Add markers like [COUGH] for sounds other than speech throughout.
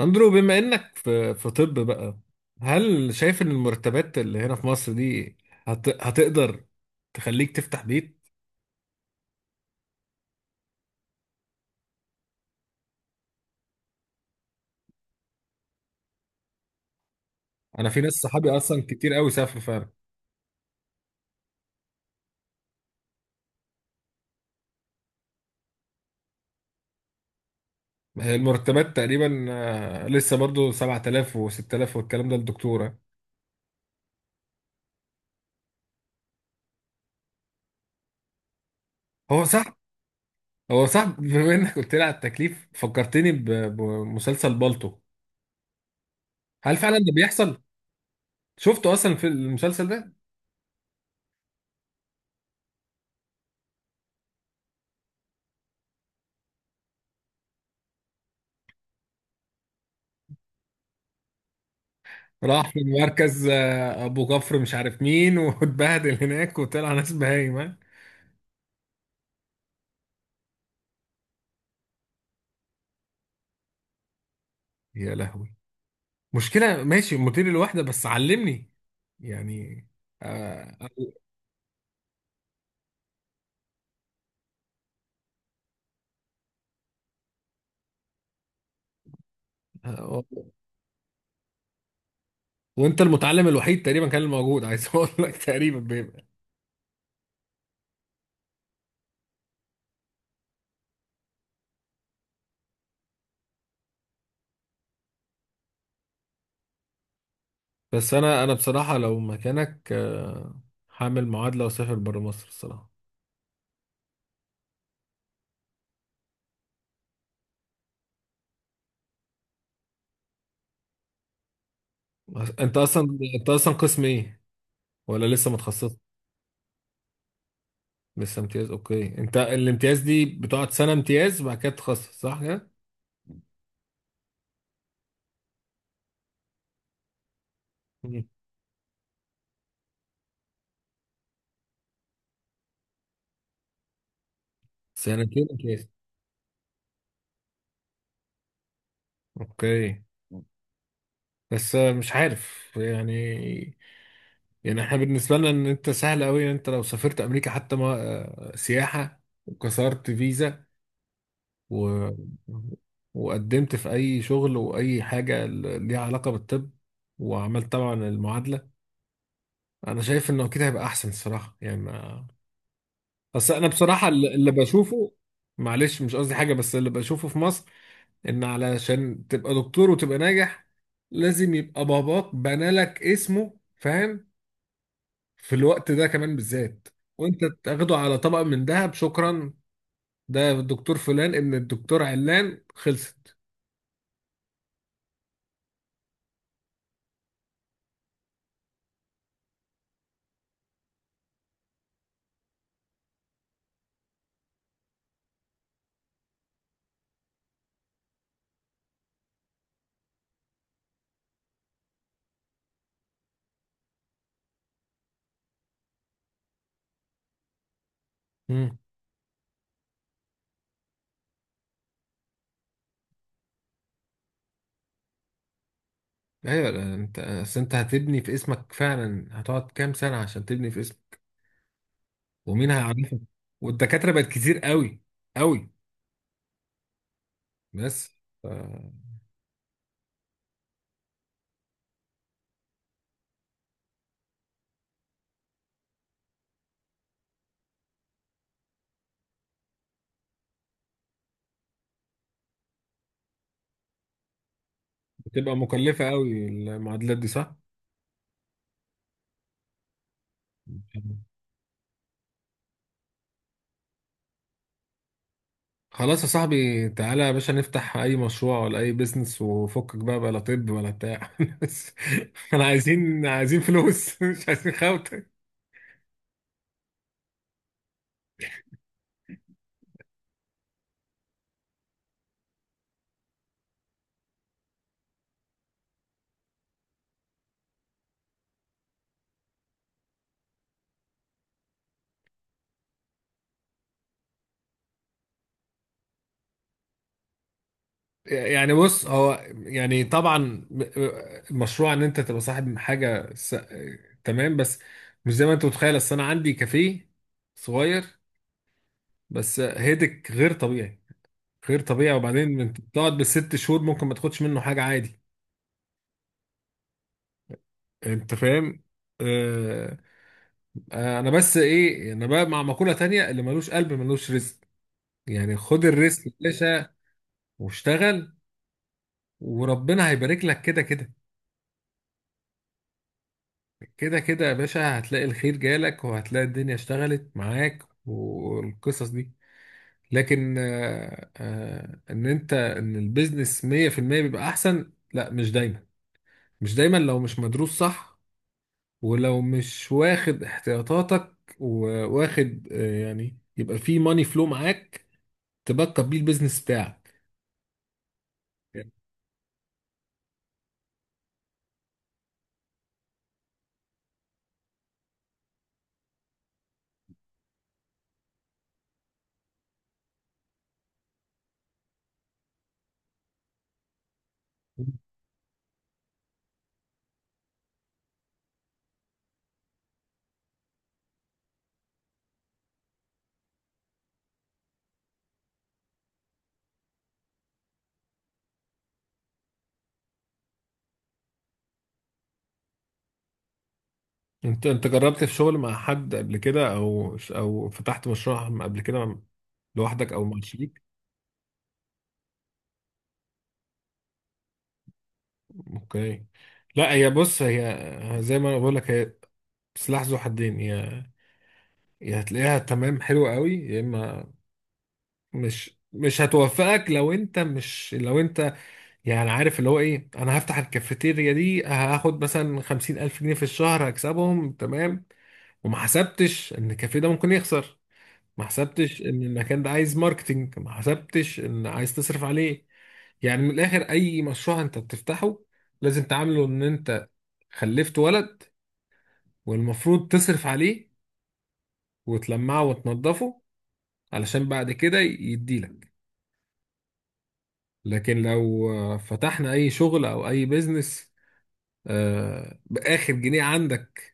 اندرو، بما انك في طب بقى، هل شايف ان المرتبات اللي هنا في مصر دي هتقدر تخليك تفتح بيت؟ انا في ناس صحابي اصلا كتير قوي سافروا فعلا. المرتبات تقريبا لسه برضو 7000 و6000 والكلام ده الدكتورة. هو صح. هو صح، بما انك قلت لي على التكليف فكرتني بمسلسل بالطو. هل فعلا ده بيحصل؟ شفته اصلا في المسلسل ده. راح في مركز ابو كفر مش عارف مين [LAUGHS] واتبهدل هناك وطلع ناس بهايمه. يا لهوي، مشكلة، ماشي مدير الوحدة بس علمني يعني. آه آه، آه، وانت المتعلم الوحيد تقريبا كان الموجود، عايز [LAUGHS] اقول لك تقريبا بيبقى. بس انا بصراحة لو مكانك هعمل معادلة واسافر بره مصر الصراحة. انت اصلا، انت اصلا قسم ايه ولا لسه متخصص؟ لسه امتياز، اوكي. انت الامتياز دي بتقعد سنة امتياز وبعد كده تتخصص، صح كده؟ مم. سنتين امتياز. اوكي. بس مش عارف يعني. يعني احنا بالنسبة لنا ان انت سهل قوي ان انت لو سافرت امريكا حتى ما سياحة وكسرت فيزا و... وقدمت في اي شغل واي حاجة ليها علاقة بالطب وعملت طبعا المعادلة. انا شايف انه كده هيبقى احسن الصراحة يعني ما... بس انا بصراحة اللي بشوفه، معلش مش قصدي حاجة، بس اللي بشوفه في مصر ان علشان تبقى دكتور وتبقى ناجح لازم يبقى باباك بنالك اسمه، فاهم؟ في الوقت ده كمان بالذات، وانت تاخده على طبق من دهب، شكرا. ده الدكتور فلان ابن الدكتور علان، خلصت. امم. ايوه، ده انت اصل انت هتبني في اسمك فعلا، هتقعد كام سنه عشان تبني في اسمك ومين هيعرفك؟ والدكاتره بقت كتير قوي قوي. بس ف- بتبقى مكلفه قوي المعادلات دي، صح؟ خلاص يا صاحبي، تعالى يا باشا نفتح اي مشروع ولا اي بيزنس وفكك بقى بلا طب ولا بتاع [LAUGHS] بس احنا عايزين، عايزين فلوس [LAUGHS] مش عايزين خوته. يعني بص، هو يعني طبعا مشروع ان انت تبقى صاحب تمام، بس مش زي ما انت متخيل. اصل انا عندي كافيه صغير، بس هيدك غير طبيعي، غير طبيعي. وبعدين انت بتقعد بالست شهور ممكن ما تاخدش منه حاجه، عادي. انت فاهم؟ آه، انا بس ايه، انا بقى مع مقولة تانية اللي ملوش قلب ملوش رزق. يعني خد الرزق يا باشا واشتغل، وربنا هيبارك لك كده كده. كده كده يا باشا هتلاقي الخير جالك وهتلاقي الدنيا اشتغلت معاك والقصص دي. لكن ان انت ان البيزنس 100% بيبقى احسن، لا مش دايما، مش دايما لو مش مدروس صح، ولو مش واخد احتياطاتك وواخد يعني يبقى في ماني فلو معاك تبقى بيه البيزنس بتاعك. انت جربت في شغل مع حد قبل كده او فتحت مشروع قبل كده لوحدك او مع شريك؟ اوكي. لا هي بص، هي زي ما انا بقول لك، هي سلاح ذو حدين. يا يا هتلاقيها تمام حلو قوي، يا اما مش هتوفقك لو انت مش، لو انت يعني عارف اللي هو ايه، انا هفتح الكافيتيريا دي هاخد مثلا خمسين الف جنيه في الشهر هكسبهم، تمام، وما حسبتش ان الكافيه ده ممكن يخسر، ما حسبتش ان المكان ده عايز ماركتينج، ما حسبتش ان عايز تصرف عليه. يعني من الاخر اي مشروع انت بتفتحه لازم تعامله ان انت خلفت ولد، والمفروض تصرف عليه وتلمعه وتنضفه علشان بعد كده يديلك. لكن لو فتحنا اي شغل او اي بيزنس باخر جنيه عندك،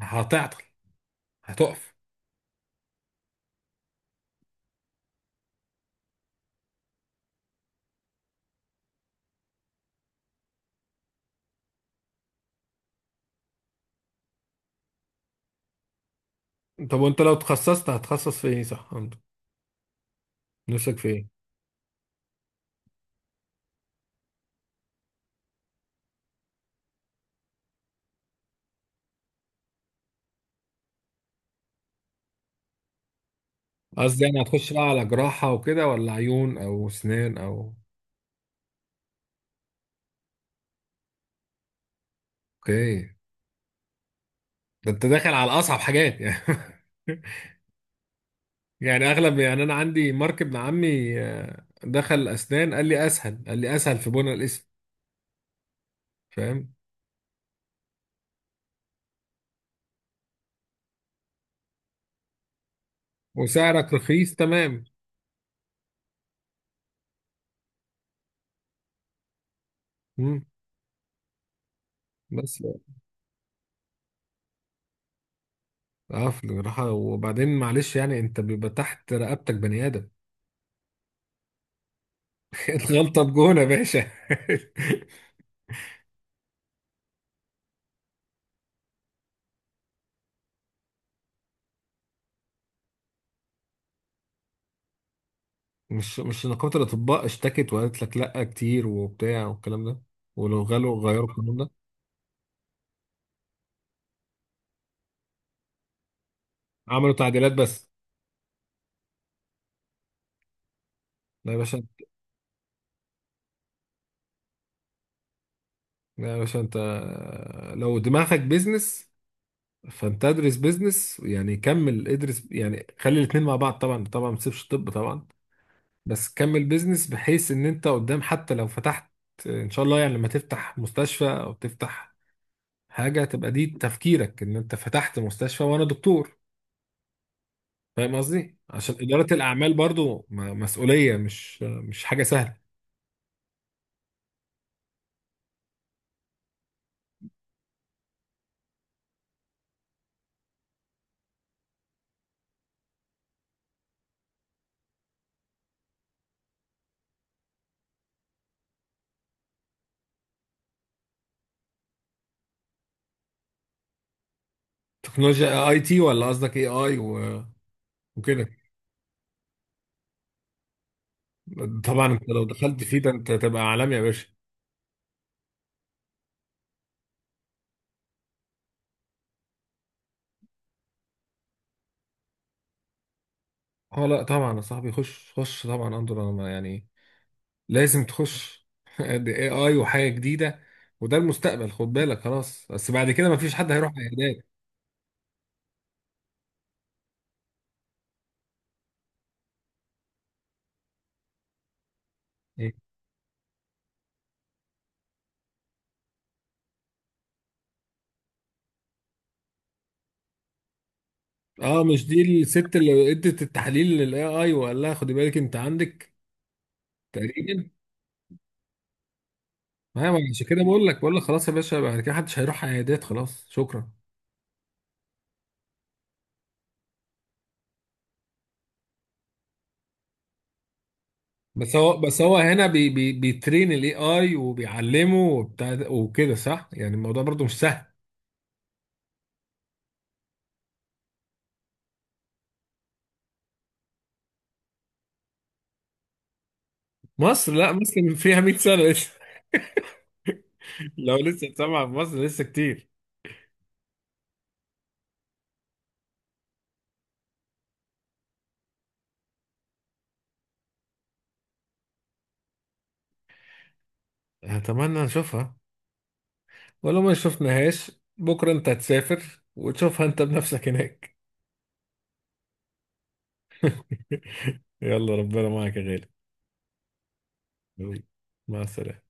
هتعطل، هتقف. طب وانت لو تخصصت هتخصص في ايه؟ صح، عندك نفسك في ايه؟ قصدي يعني هتخش بقى على جراحة وكده، ولا عيون أو أسنان أو، أوكي. ده أنت داخل على أصعب حاجات يعني [LAUGHS] يعني أغلب، يعني أنا عندي مارك ابن عمي دخل أسنان قال لي أسهل، قال لي أسهل في بناء الاسم، فاهم. وسعرك رخيص، تمام. مم. بس اه في الجراحة، وبعدين معلش يعني انت بيبقى تحت رقبتك بني ادم [LAUGHS] الغلطة بجون يا باشا. [LAUGHS] مش نقابة الاطباء اشتكت وقالت لك لا كتير وبتاع والكلام ده، ولو غلوا غيروا القانون ده؟ عملوا تعديلات بس. لا يا باشا. لا يا باشا، انت لو دماغك بيزنس فانت ادرس بيزنس، يعني كمل ادرس، يعني خلي الاتنين مع بعض، طبعا طبعا ما تسيبش الطب طبعا، بس كمل بيزنس بحيث ان انت قدام حتى لو فتحت، ان شاء الله يعني لما تفتح مستشفى او تفتح حاجة، تبقى دي تفكيرك ان انت فتحت مستشفى وانا دكتور. فاهم قصدي؟ عشان إدارة الأعمال برضو مسؤولية، مش حاجة سهلة. تكنولوجيا اي تي ولا قصدك اي اي وكده؟ طبعا انت لو دخلت فيه ده انت هتبقى عالمي يا باشا. اه لا طبعا يا صاحبي، خش خش طبعا، انظر انا يعني لازم تخش [LAUGHS] دي اي اي وحاجه جديده، وده المستقبل، خد بالك، خلاص، بس بعد كده ما فيش حد هيروح عيادات. اه مش دي الست اللي ادت التحليل للاي اي وقال لها خدي بالك انت عندك، تقريبا. ما عشان كده بقول لك، بقول لك خلاص يا باشا، بعد كده محدش هيروح عيادات، خلاص، شكرا. بس هو، بس هو هنا بي بيترين الاي اي وبيعلمه وبتاع وكده صح، يعني الموضوع برضو مش سهل. مصر، لا مصر فيها 100 سنة لسه [LAUGHS] لو لسه سامعة في مصر لسه كتير. أتمنى نشوفها، ولو ما شفناهاش بكرة أنت هتسافر وتشوفها أنت بنفسك هناك. [LAUGHS] يلا ربنا معك يا غالي، مع السلامة.